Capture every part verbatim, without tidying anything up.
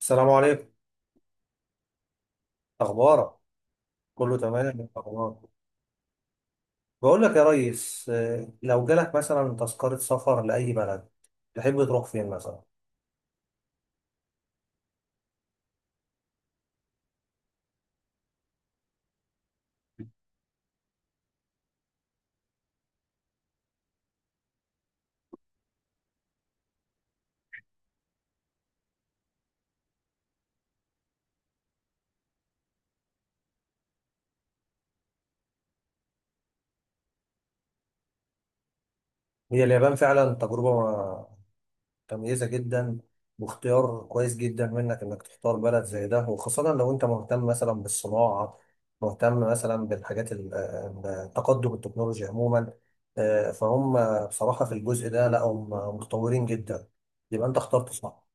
السلام عليكم. اخبارك؟ كله تمام، اخبارك؟ بقول لك يا ريس، آه، لو جالك مثلا تذكرة سفر لأي بلد تحب تروح فين مثلا؟ هي اليابان فعلا تجربة متميزة جدا، واختيار كويس جدا منك انك تختار بلد زي ده، وخاصة لو انت مهتم مثلا بالصناعة، مهتم مثلا بالحاجات ال- آه، تقدم التكنولوجيا عموما. آه، فهم بصراحة في الجزء ده، لا هم متطورين جدا، يبقى انت اخترت صح.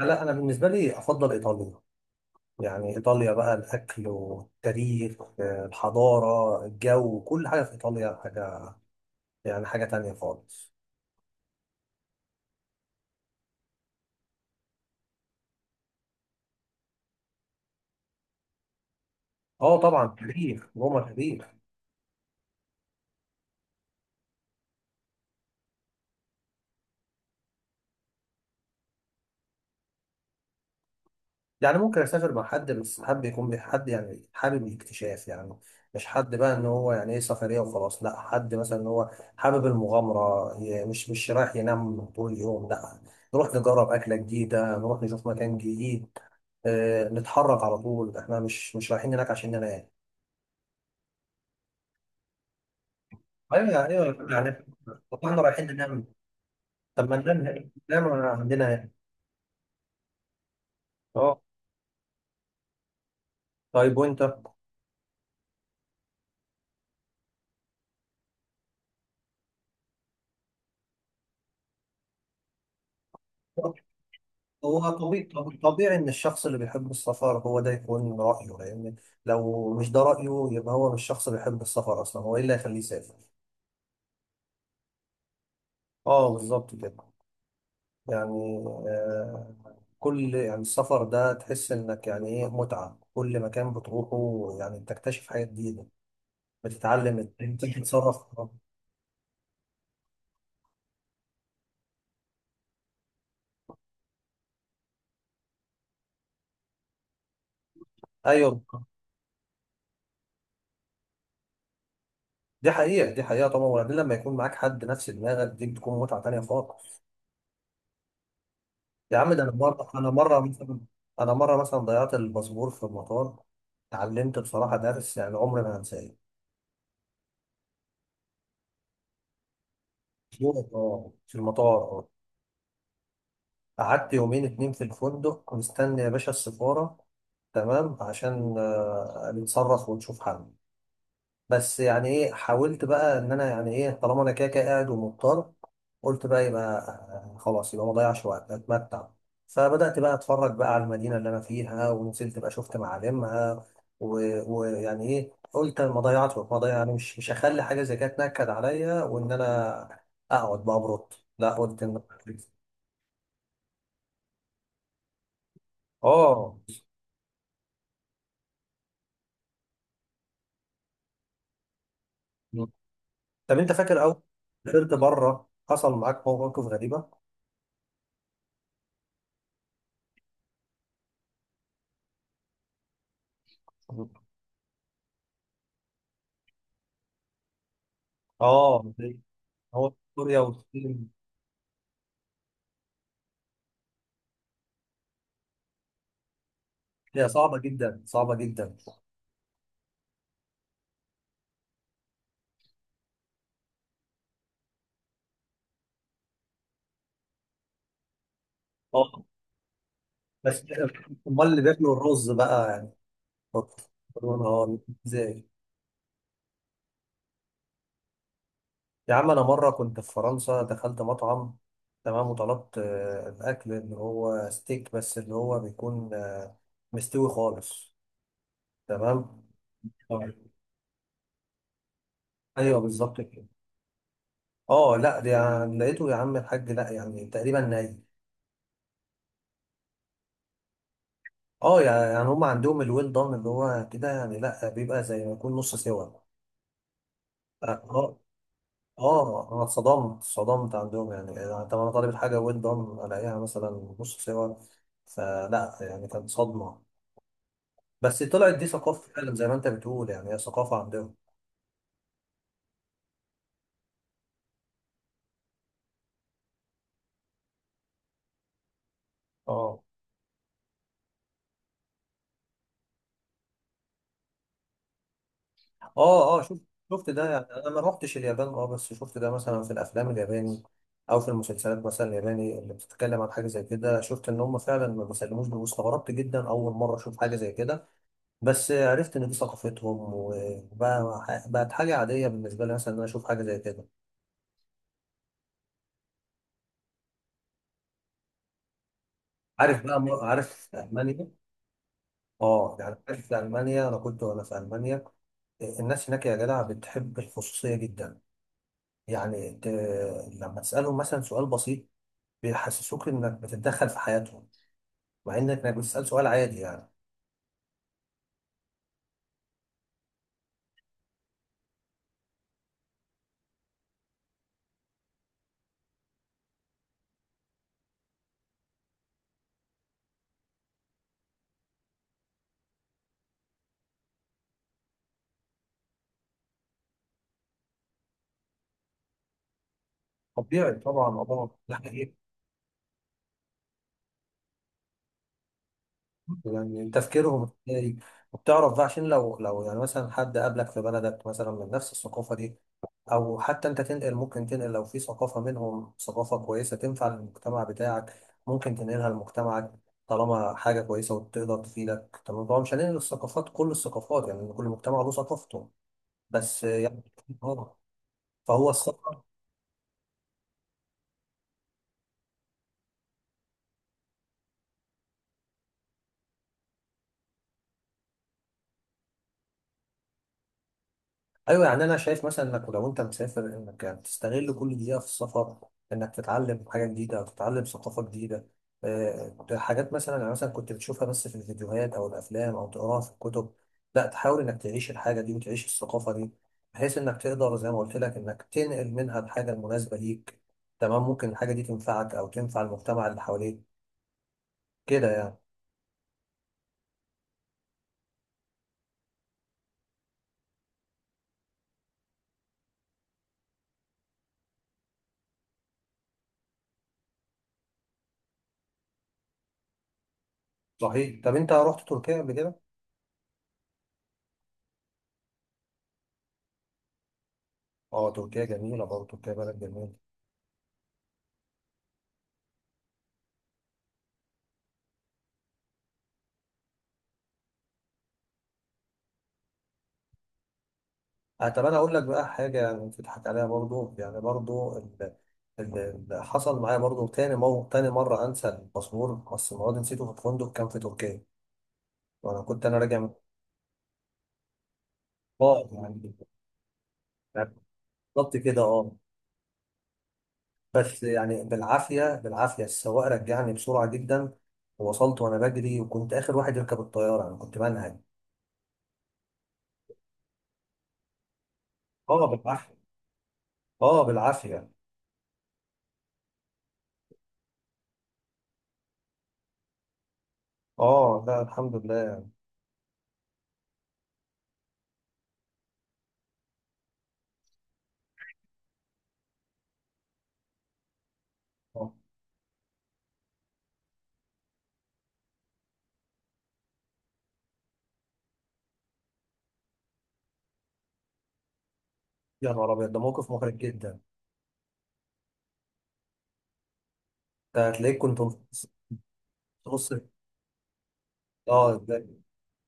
لا انا بالنسبة لي افضل ايطاليا. يعني إيطاليا بقى الأكل والتاريخ، آه، الحضارة، الجو، كل حاجة في إيطاليا حاجة يعني حاجة تانية خالص. اه طبعا، تاريخ روما تاريخ. يعني ممكن أسافر مع حد، بس حابب يكون بي- حد يعني حابب الاكتشاف يعني، مش حد بقى إن هو يعني إيه سفرية وخلاص، لا حد مثلا إن هو حابب المغامرة، ي- مش مش رايح ينام طول اليوم، لا، نروح نجرب أكلة جديدة، نروح نشوف مكان جديد، آه، نتحرك على طول، احنا مش مش رايحين هناك عشان ننام. ايوه ايوه يعني، طب احنا رايحين ننام؟ طب ما ننام، ننام عندنا يعني. اه، طيب وانت؟ هو طبيعي، طبيعي ان الشخص اللي بيحب السفر هو ده يكون رايه، لان لو مش ده رايه يبقى هو مش شخص بيحب السفر اصلا، هو ايه اللي هيخليه يسافر. اه بالظبط كده يعني. آه كل، يعني السفر ده تحس انك يعني ايه متعه، كل مكان بتروحه يعني بتكتشف حاجه جديده، بتتعلم انت تتصرف. ايوه، دي حقيقة، دي حقيقة طبعا، وبعدين لما يكون معاك حد نفس دماغك دي بتكون متعة تانية خالص. يا عم، ده أنا مرة أنا مرة مثلا أنا مرة مثلا ضيعت الباسبور في المطار، اتعلمت بصراحة درس يعني عمري ما هنساه. في المطار، في المطار، آه. قعدت يومين اتنين في الفندق مستني يا باشا السفارة، تمام، عشان آه، نتصرف ونشوف حل. بس يعني ايه، حاولت بقى ان انا يعني ايه، طالما انا كده كده قاعد ومضطر، قلت بقى يبقى آه، خلاص، يبقى ما اضيعش وقت، اتمتع. فبدات بقى اتفرج بقى على المدينه اللي انا فيها، ونزلت بقى شفت معالمها، و- ويعني ايه، قلت أنا ما اضيعش وقت، ما اضيع، يعني مش مش هخلي حاجه زي كده تنكد عليا، وان انا اقعد بقى ابرد. لا قلت ان، اه. طب انت فاكر اول ما سافرت بره حصل معاك مواقف غريبه؟ اه هو سوريا والصين. هي صعبة جدا، صعبة جدا. اه بس، امال اللي بياكلوا الرز بقى يعني، بط- بيقولوا اه؟ ازاي؟ يا عم انا مرة كنت في فرنسا، دخلت مطعم، تمام، وطلبت آه، الاكل اللي هو ستيك، بس اللي هو بيكون آه، مستوي خالص، تمام، آه. ايوه بالظبط كده. اه لا ده يعني لقيته يا عم الحاج، لا يعني تقريبا ني. اه يعني هم عندهم الويل دان اللي هو كده، يعني لا بيبقى زي ما يكون نص سوا. اه آه. اه، انا اتصدمت اتصدمت عندهم يعني. يعني طب انا طالب الحاجه ويل دون، الاقيها مثلا نص سوا، فلا يعني كانت صدمه، بس طلعت دي ثقافه فعلا زي ما انت بتقول يعني هي ثقافه عندهم. اه اه اه، شفت شفت ده يعني، انا ما روحتش اليابان اه، بس شفت ده مثلا في الافلام الياباني او في المسلسلات مثلا الياباني اللي بتتكلم عن حاجه زي كده، شفت ان هم فعلا ما بيسلموش، واستغربت جدا اول مره اشوف حاجه زي كده، بس عرفت ان دي ثقافتهم وبقى بقت حاجه عاديه بالنسبه لي مثلا ان انا اشوف حاجه زي كده. عارف بقى م- عارف المانيا؟ اه يعني عارف، في المانيا انا كنت، وانا في المانيا آه، الناس هناك يا جدع بتحب الخصوصيه جدا. يعني ت... لما تسالهم مثلا سؤال بسيط بيحسسوك انك بتتدخل في حياتهم، مع انك انك بتسال سؤال عادي يعني. طبيعي طبعا، طبعا، لا إيه؟ يعني تفكيرهم ازاي، وبتعرف بقى عشان لو لو يعني مثلا حد قابلك في بلدك مثلا من نفس الثقافة دي، أو حتى أنت تنقل، ممكن تنقل لو في ثقافة منهم ثقافة كويسة تنفع للمجتمع بتاعك، ممكن تنقلها لمجتمعك طالما حاجة كويسة وتقدر تفيدك، تمام. طبعا مش هننقل الثقافات، كل الثقافات يعني، كل مجتمع له ثقافته، بس يعني، فهو الثقافة. ايوه يعني انا شايف مثلا انك لو انت مسافر انك تستغل كل دقيقه في السفر، انك تتعلم حاجه جديده او تتعلم ثقافه جديده، آه، حاجات مثلا يعني مثلا كنت بتشوفها بس في الفيديوهات او الافلام او تقراها في الكتب، لا تحاول انك تعيش الحاجه دي وتعيش الثقافه دي، بحيث انك تقدر زي ما قلت لك انك تنقل منها الحاجه المناسبه ليك، تمام، ممكن الحاجه دي تنفعك او تنفع المجتمع اللي حواليك، كده يعني. صحيح، طب انت رحت تركيا قبل كده؟ اه تركيا جميله برضه، تركيا بلد جميله. آه، طب انا اقول لك بقى حاجه يعني تضحك عليها برضو، يعني برضو ال- ال- اللي حصل معايا برضو تاني، مو تاني مره انسى الباسبور، بس المواد نسيته في الفندق، كان في تركيا، وانا كنت انا راجع من اه يعني، يعني بالظبط كده اه. بس يعني بالعافيه بالعافيه السواق رجعني بسرعه جدا، ووصلت وانا بجري، وكنت اخر واحد يركب الطياره، انا كنت منهج. اه بالعافيه، اه بالعافيه. اه لا، الحمد لله. آه، يا نهار ابيض، ده موقف محرج جدا. ده هتلاقيك كنت نص، نص- اه.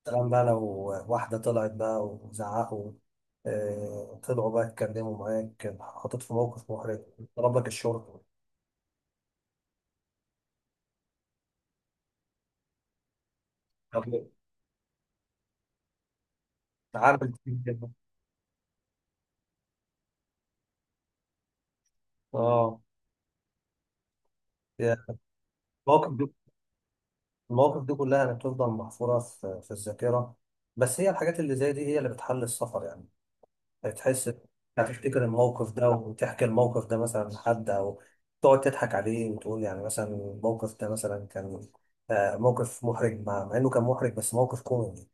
سلام بقى لو واحدة طلعت بقى وزعقوا، آه، طلعوا بقى اتكلموا معاك، حطيت في موقف محرج، طلب لك الشرطة. طب تعامل كده، اه يعني. المواقف دي، المواقف دي كلها يعني بتفضل محفورة في, في الذاكرة، بس هي الحاجات اللي زي دي هي اللي بتحل السفر يعني، هتحس، هتفتكر الموقف ده وتحكي الموقف ده مثلا لحد، أو تقعد تضحك عليه وتقول يعني مثلا الموقف ده مثلا كان آه، موقف محرج، مع مع إنه كان محرج بس موقف كوميدي.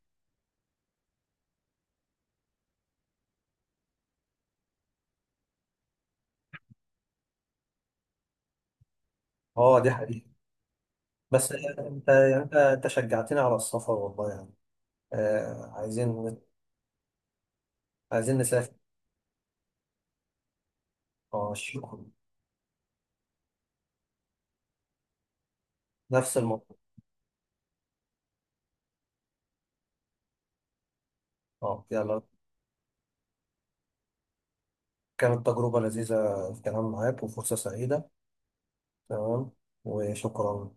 اه دي حقيقة. بس انت يعني انت انت شجعتني على السفر والله يعني. آه عايزين، عايزين نسافر. اه شكرا، نفس الموضوع. اه يلا، كانت تجربة لذيذة الكلام معاك وفرصة سعيدة، تمام، وشكرا.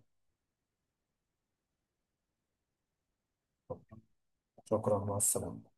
شكرا، مع السلامة.